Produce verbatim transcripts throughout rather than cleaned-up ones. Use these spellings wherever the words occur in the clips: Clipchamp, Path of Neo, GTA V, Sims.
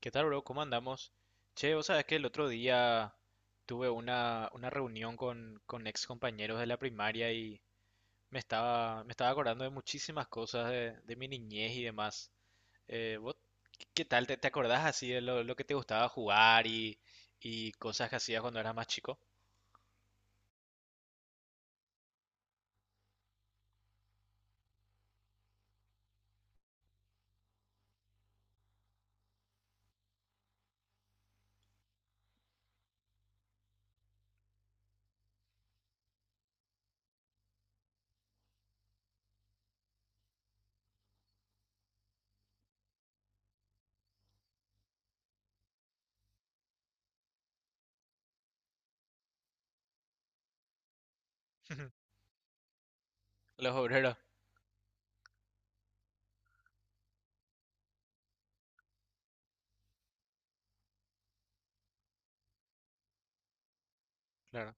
¿Qué tal, bro? ¿Cómo andamos? Che, vos sabés que el otro día tuve una, una reunión con, con ex compañeros de la primaria y me estaba, me estaba acordando de muchísimas cosas de, de mi niñez y demás. Eh, ¿vos qué qué tal? ¿Te, te acordás así de lo, lo que te gustaba jugar y, y cosas que hacías cuando eras más chico? Los obreros, claro.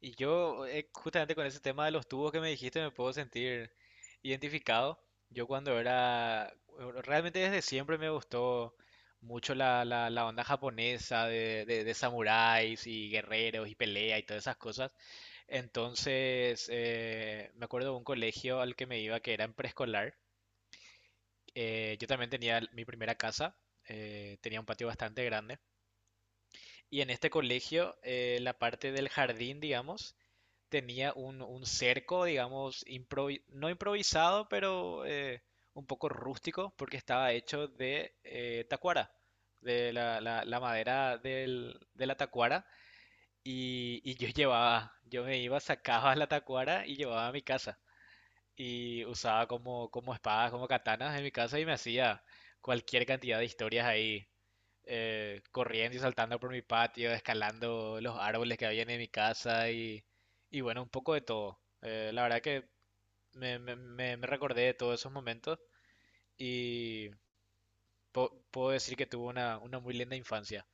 Y yo, eh, justamente con ese tema de los tubos que me dijiste, me puedo sentir identificado. Yo cuando era, bueno, realmente desde siempre me gustó mucho la, la- la onda japonesa de, de, de samuráis y guerreros y pelea y todas esas cosas. Entonces, eh, me acuerdo de un colegio al que me iba que era en preescolar. Eh, yo también tenía mi primera casa, eh, tenía un patio bastante grande. Y en este colegio, eh, la parte del jardín, digamos, tenía un, un cerco, digamos, improvi- no improvisado, pero eh, un poco rústico, porque estaba hecho de eh, tacuara, de la, la- la madera del- de la tacuara, y, y yo llevaba, yo me iba, sacaba la tacuara y llevaba a mi casa y usaba como, como espadas, como katanas en mi casa y me hacía cualquier cantidad de historias ahí, eh, corriendo y saltando por mi patio, escalando los árboles que había en mi casa y, y bueno, un poco de todo. Eh, la verdad que me, me- me- me recordé de todos esos momentos y po- puedo decir que tuve una, una muy linda infancia.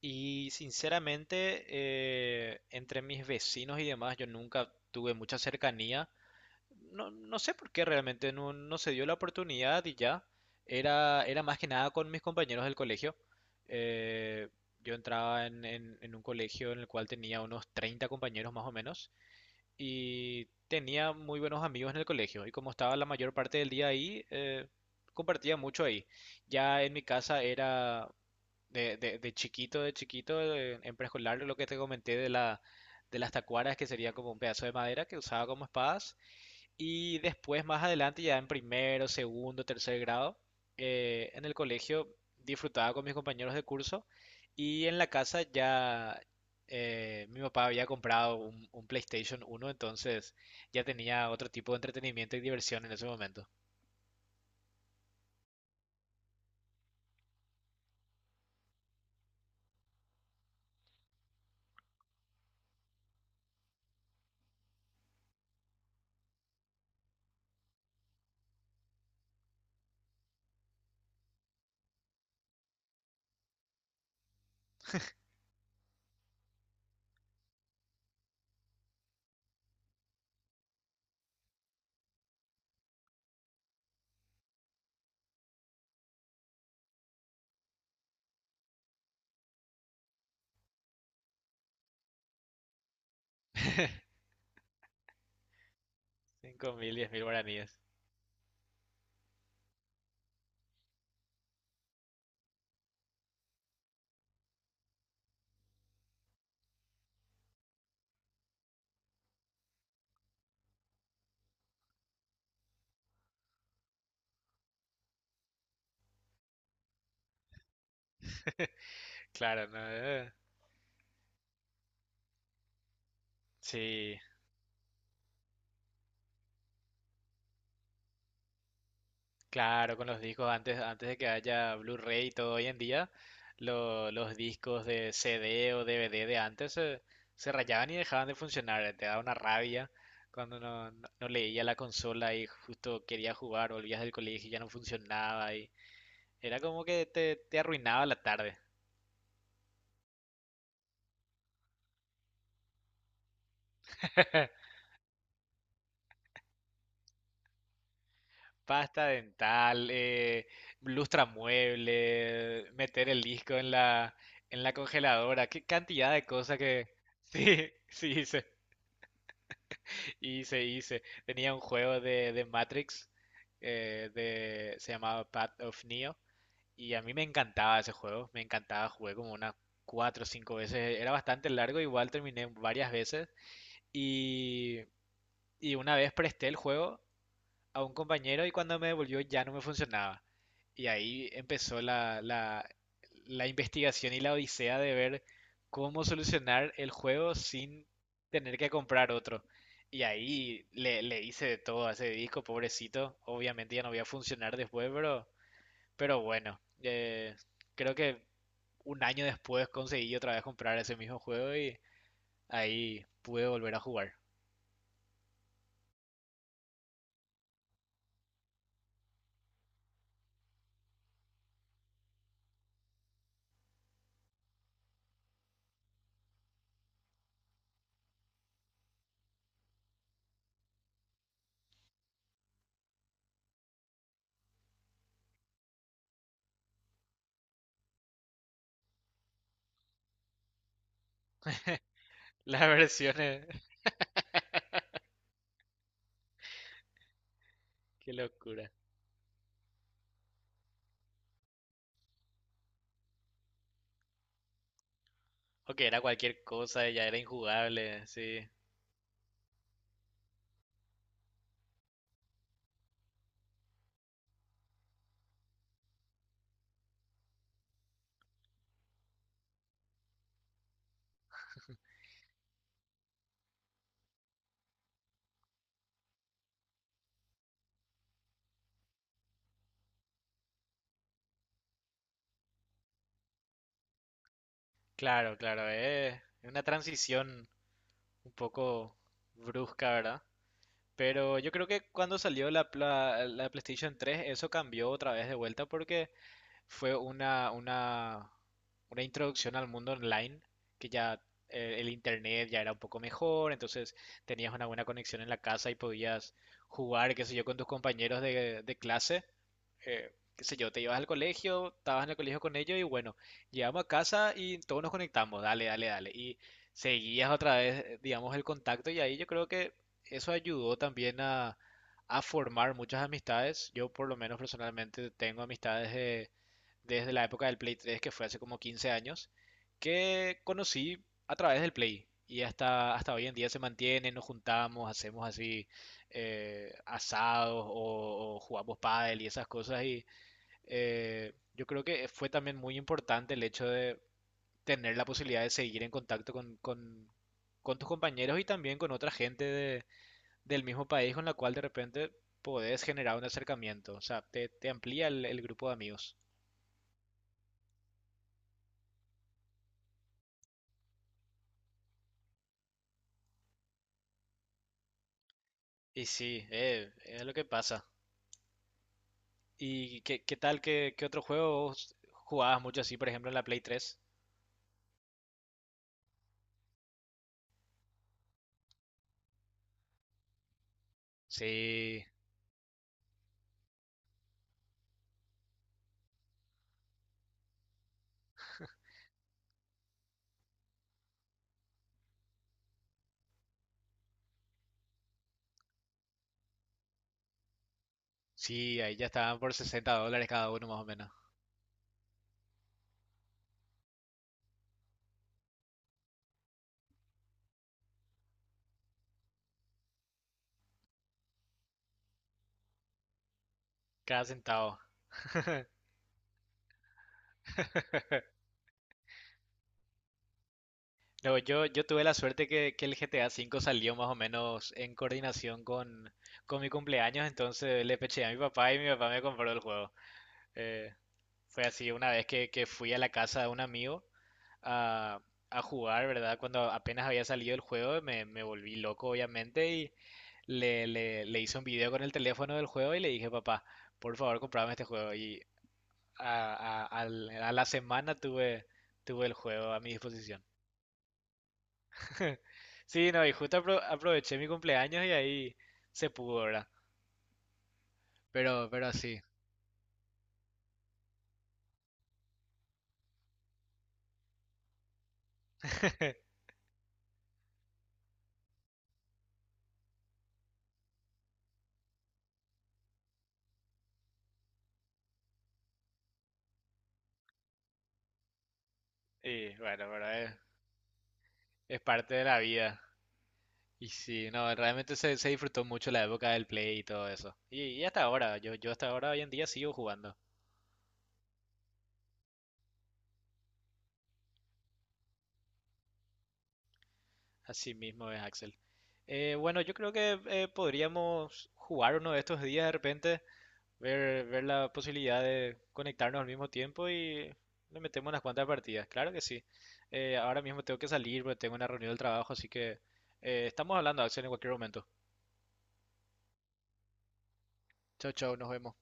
Y sinceramente, eh, entre mis vecinos y demás, yo nunca tuve mucha cercanía. No, no sé por qué realmente no, no se dio la oportunidad y ya. Era, era más que nada con mis compañeros del colegio. Eh, yo entraba en, en- en un colegio en el cual tenía unos treinta compañeros más o menos y tenía muy buenos amigos en el colegio. Y como estaba la mayor parte del día ahí, eh, compartía mucho ahí. Ya en mi casa era de, de- de chiquito, de chiquito, eh, en preescolar, lo que te comenté de la, de las tacuaras, que sería como un pedazo de madera que usaba como espadas. Y después, más adelante, ya en primero, segundo, tercer grado, eh, en el colegio disfrutaba con mis compañeros de curso y en la casa ya eh, mi papá había comprado un, un PlayStation uno, entonces ya tenía otro tipo de entretenimiento y diversión en ese momento. Cinco mil, diez mil guaraníes. Claro, no, eh, sí. Claro, con los discos, antes, antes de que haya Blu-ray y todo hoy en día, lo- los discos de C D o D V D de antes se, se rayaban y dejaban de funcionar. Te daba una rabia cuando no, no- no leía la consola y justo quería jugar, volvías del colegio y ya no funcionaba. Y era como que te, te arruinaba la tarde. Pasta dental, eh, mueble, meter el disco en la, en la congeladora. Qué cantidad de cosas que... Sí, sí. Hice, hice. Tenía un juego de, de Matrix, eh, de, se llamaba Path of Neo, y a mí me encantaba ese juego, me encantaba, jugué como unas cuatro o cinco veces, era bastante largo, igual terminé varias veces, y, y una vez presté el juego a un compañero y cuando me devolvió ya no me funcionaba. Y ahí empezó la, la, la investigación y la odisea de ver cómo solucionar el juego sin tener que comprar otro. Y ahí le, le hice de todo a ese disco, pobrecito. Obviamente ya no voy a funcionar después, pero, pero, bueno, eh, creo que un año después conseguí otra vez comprar ese mismo juego y ahí pude volver a jugar. Las versiones, qué locura. O era cualquier cosa y ya era injugable, sí. Claro, claro, es una transición un poco brusca, ¿verdad? Pero yo creo que cuando salió la, pla- la PlayStation tres eso cambió otra vez de vuelta porque fue una, una, una introducción al mundo online, que ya eh, el internet ya era un poco mejor, entonces tenías una buena conexión en la casa y podías jugar, qué sé yo, con tus compañeros de, de clase. eh, qué sé yo, te ibas al colegio, estabas en el colegio con ellos y bueno, llegamos a casa y todos nos conectamos, dale, dale, dale. Y seguías otra vez, eh, digamos, el contacto y ahí yo creo que eso ayudó también a, a formar muchas amistades. Yo por lo menos personalmente tengo amistades de desde la época del Play tres, que fue hace como quince años, que conocí a través del Play. Y hasta, hasta hoy en día se mantiene, nos juntamos, hacemos así eh, asados o, o jugamos pádel y esas cosas. Y eh, yo creo que fue también muy importante el hecho de tener la posibilidad de seguir en contacto con, con- con tus compañeros y también con otra gente de- del mismo país con la cual de repente podés generar un acercamiento. O sea, te, te amplía el el grupo de amigos. Y sí, eh, es lo que pasa. ¿Y qué, qué tal? ¿Qué, qué otro juego vos jugabas mucho así, por ejemplo, en la Play tres? Sí, sí, ahí ya estaban por sesenta dólares cada uno más o menos. Cada centavo. No, yo, yo, tuve la suerte que, que el G T A cinco salió más o menos en coordinación con, con mi cumpleaños, entonces le peché a mi papá y mi papá me compró el juego. Eh, Fue así una vez que, que fui a la casa de un amigo a, a jugar, ¿verdad? Cuando apenas había salido el juego, me, me volví loco, obviamente, y le, le, le hice un video con el teléfono del juego y le dije, papá, por favor, comprame este juego. Y a, a- al- a la semana tuve, tuve el juego a mi disposición. Sí, no, y justo apro- aproveché mi cumpleaños y ahí se pudo, ¿verdad? Pero, pero así. Y bueno, pero es, es parte de la vida. Y sí, no, realmente se, se disfrutó mucho la época del Play y todo eso. Y, y hasta ahora, yo, yo, hasta ahora hoy en día sigo jugando. Así mismo es, Axel. Eh, bueno, yo creo que eh, podríamos jugar uno de estos días de repente, ver, ver la posibilidad de conectarnos al mismo tiempo y le metemos unas cuantas partidas. Claro que sí. Eh, ahora mismo tengo que salir porque tengo una reunión del trabajo, así que eh, estamos hablando, Axel, en cualquier momento. Chao, chao, nos vemos.